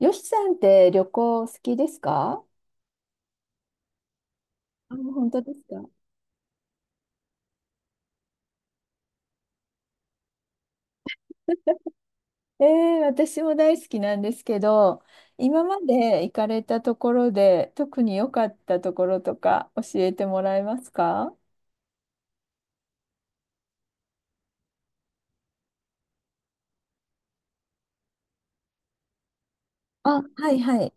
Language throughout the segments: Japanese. よしさんって旅行好きですか？あ、本当ですか。え私も大好きなんですけど、今まで行かれたところで特に良かったところとか教えてもらえますか？あ、はいはい。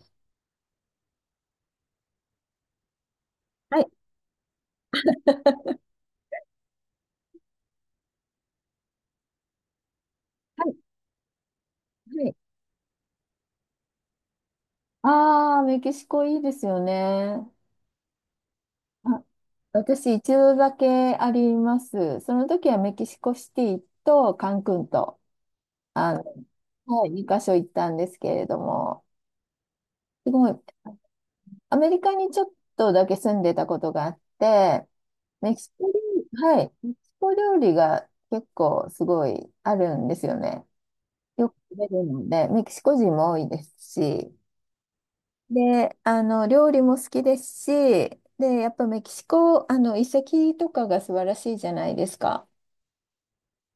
はい、はい、はい。ああ、メキシコいいですよね。あ、私一度だけあります。その時はメキシコシティとカンクンと、あの、はい、2箇所行ったんですけれども、すごい、アメリカにちょっとだけ住んでたことがあって、メキシコ料理、はい、メキシコ料理が結構すごいあるんですよね。よく食べるので、メキシコ人も多いですし、で、料理も好きですし、で、やっぱメキシコ、遺跡とかが素晴らしいじゃないですか。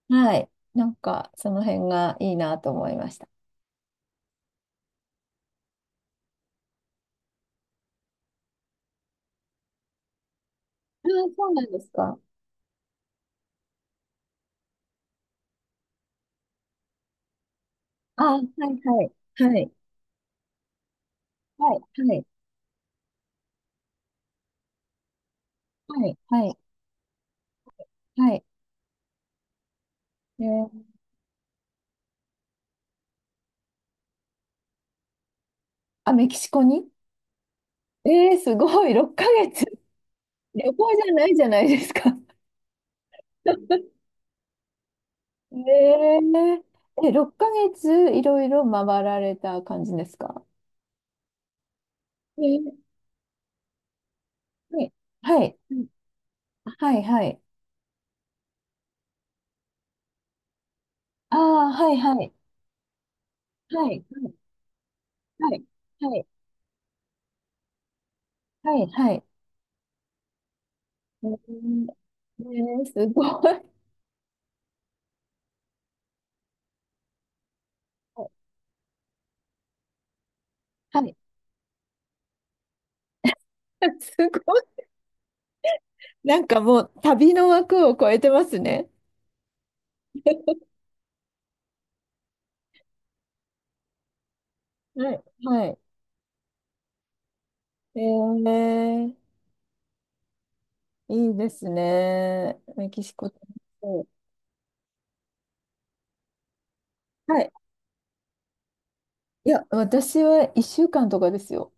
はい。なんか、その辺がいいなと思いました。ああ、そうなんですか。ああ、はいはい。はい。はい。はい。はい。はい。はい。えーあ、メキシコにすごい、6ヶ月。旅行じゃないじゃないですか。ねええ、6ヶ月いろいろ回られた感じですか？えー、はい、はい、はい、はい。ああ、はい、はい、はい、はい、はい、はい、はい、はい。えーえ、すごい。はい。すごい。なんかもう旅の枠を超えてますね。はい。はい。えー、いいですね。メキシコ。はい。いや、私は1週間とかですよ。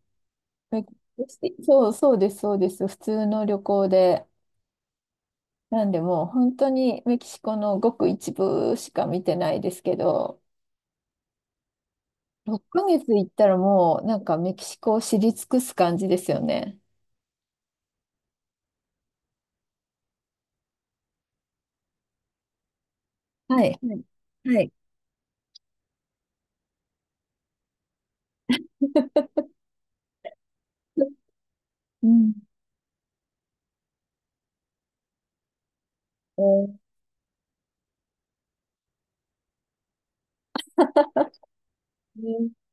えメキシそう、そうです、そうです。普通の旅行で。なんで、もう本当にメキシコのごく一部しか見てないですけど、6ヶ月行ったらもうなんかメキシコを知り尽くす感じですよね。はい。はい。はい。うん。えー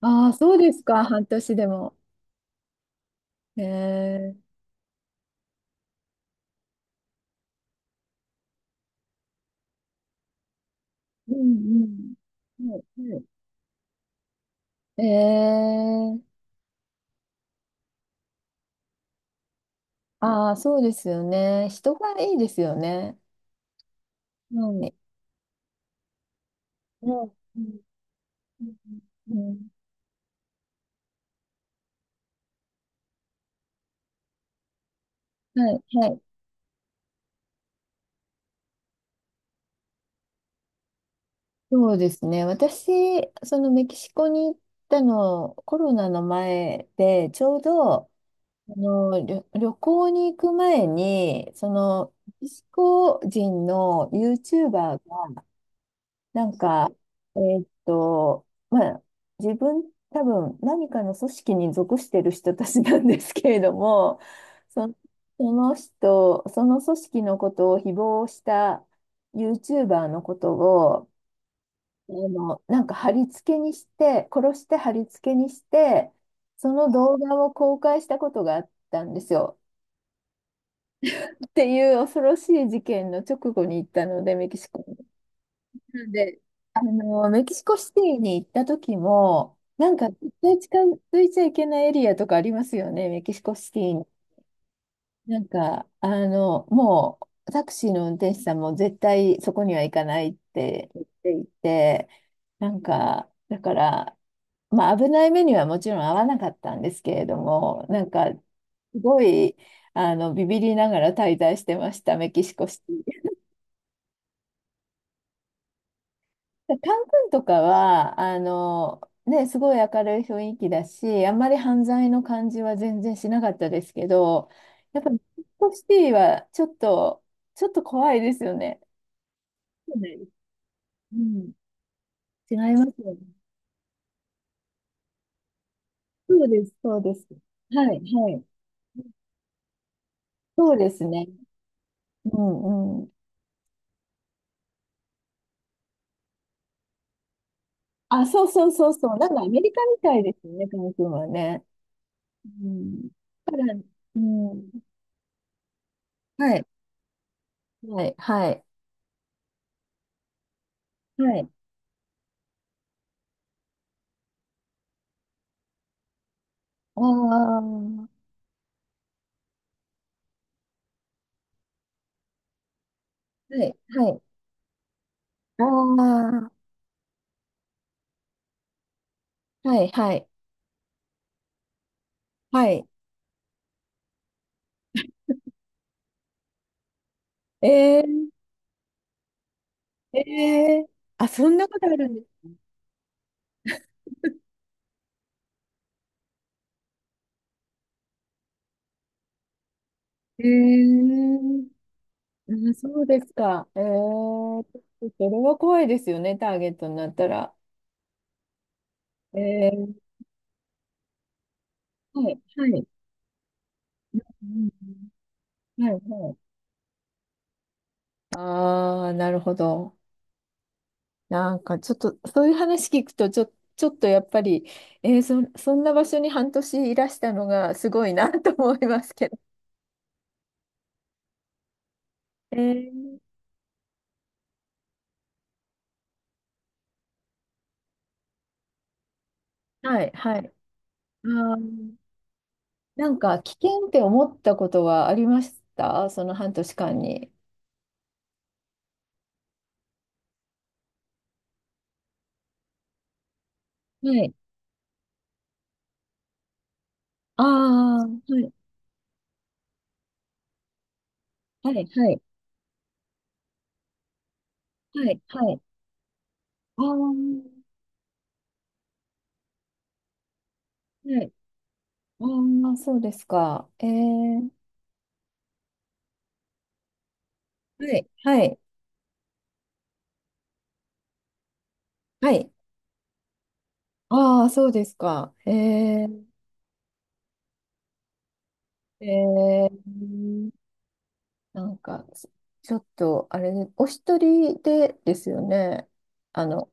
ああ、そうですか、半年でも。えー、うんうん。はいはいえーああ、そうですよね。人がいいですよね。うん。ねうんうんうん、はい、はい。そうですね。私、そのメキシコに行ったの、コロナの前で、ちょうど、旅行に行く前に、その、メキシコ人の YouTuber なんか、まあ、自分、多分何かの組織に属してる人たちなんですけれども、そ、その人、その組織のことを誹謗した YouTuber のことを、なんか貼り付けにして、殺して貼り付けにして、その動画を公開したことがあったんですよ。っていう恐ろしい事件の直後に行ったので、メキシコ。なんで、メキシコシティに行った時も、なんか絶対近づいちゃいけないエリアとかありますよね、メキシコシティに。なんか、もうタクシーの運転手さんも絶対そこには行かないって言っていて、なんか、だから、まあ危ない目にはもちろん合わなかったんですけれども、なんか、すごい、ビビりながら滞在してました、メキシコシティ。カン君とかは、ね、すごい明るい雰囲気だし、あんまり犯罪の感じは全然しなかったですけど、やっぱりメキシコシティはちょっと、怖いですよね。そうです。うん、違いますよね。そうです、そうです。はい、はい。そうですね。うん、うん。あ、そうそうそうそう。なんかアメリカみたいですよね、カン君はね。うん。だから、うん。はい、はい、はい。はい。ああ。はい、はい。ああ、はい、はい、はい。えー、えー、あ、そんなことあるんですね。あ、そうですか。それは怖いですよね、ターゲットになったら。えー、はい、はい。うん、はい、はい。ああ、なるほど。なんかちょっと、そういう話聞くと、ちょっとやっぱり、そんな場所に半年いらしたのがすごいなと思いますけど。えー、はい、はい。あーなんか危険って思ったことはありましたその半年間に？はい。ああ、はい、はい、はい、はい、はい。ああ、はい。ああ、そうですか。はい、はい、はい。ああ、そうですか。ー、えー、なんか、ちょっと、あれ、お一人でですよね。あの、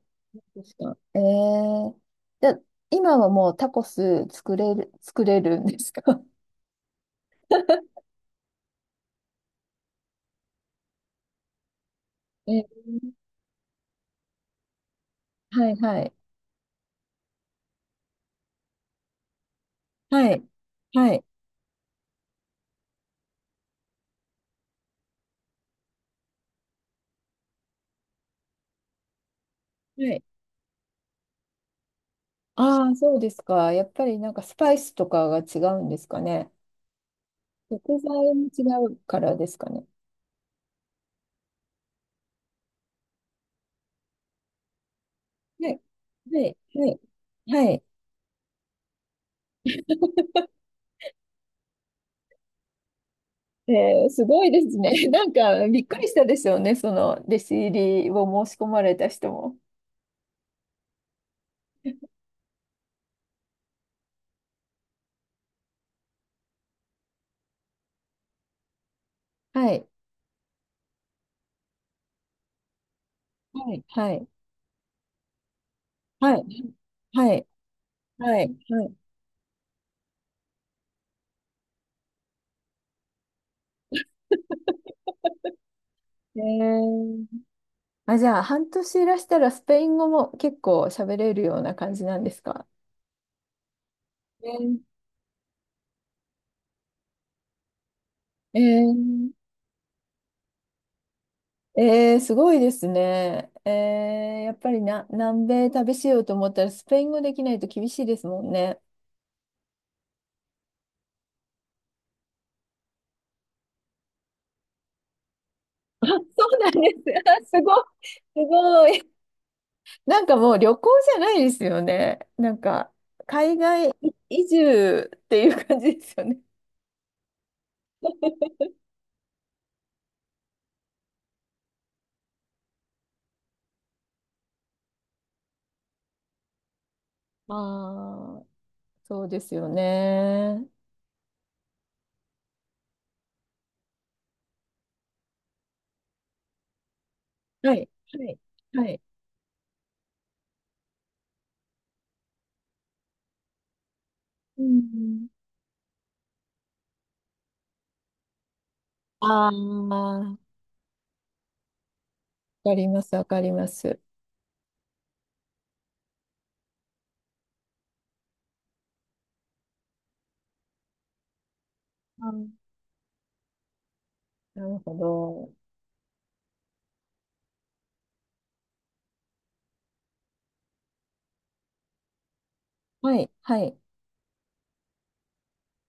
ですか。じゃあ今はもうタコス作れるんですか？え、はいはい。はい。はい。はい。ああ、そうですか。やっぱりなんかスパイスとかが違うんですかね。食材も違うからですかね。はい。はい。はい。はい。すごいですね。なんかびっくりしたでしょうね。その弟子入りを申し込まれた人も。はい。はい。はい。はい。はい。はい。はいえー、あ、じゃあ、半年いらしたらスペイン語も結構喋れるような感じなんですか？えーえー、すごいですね。やっぱりな、南米旅しようと思ったらスペイン語できないと厳しいですもんね。あ、そうなんです。あ、すごい。すごい。なんかもう旅行じゃないですよね。なんか、海外移住っていう感じですよね。ああ、そうですよね。はい。はい。はい。うん。ああ、わかります。わかります。うん、なるほど。はい。はい。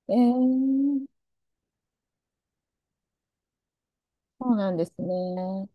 えー、そうなんですね。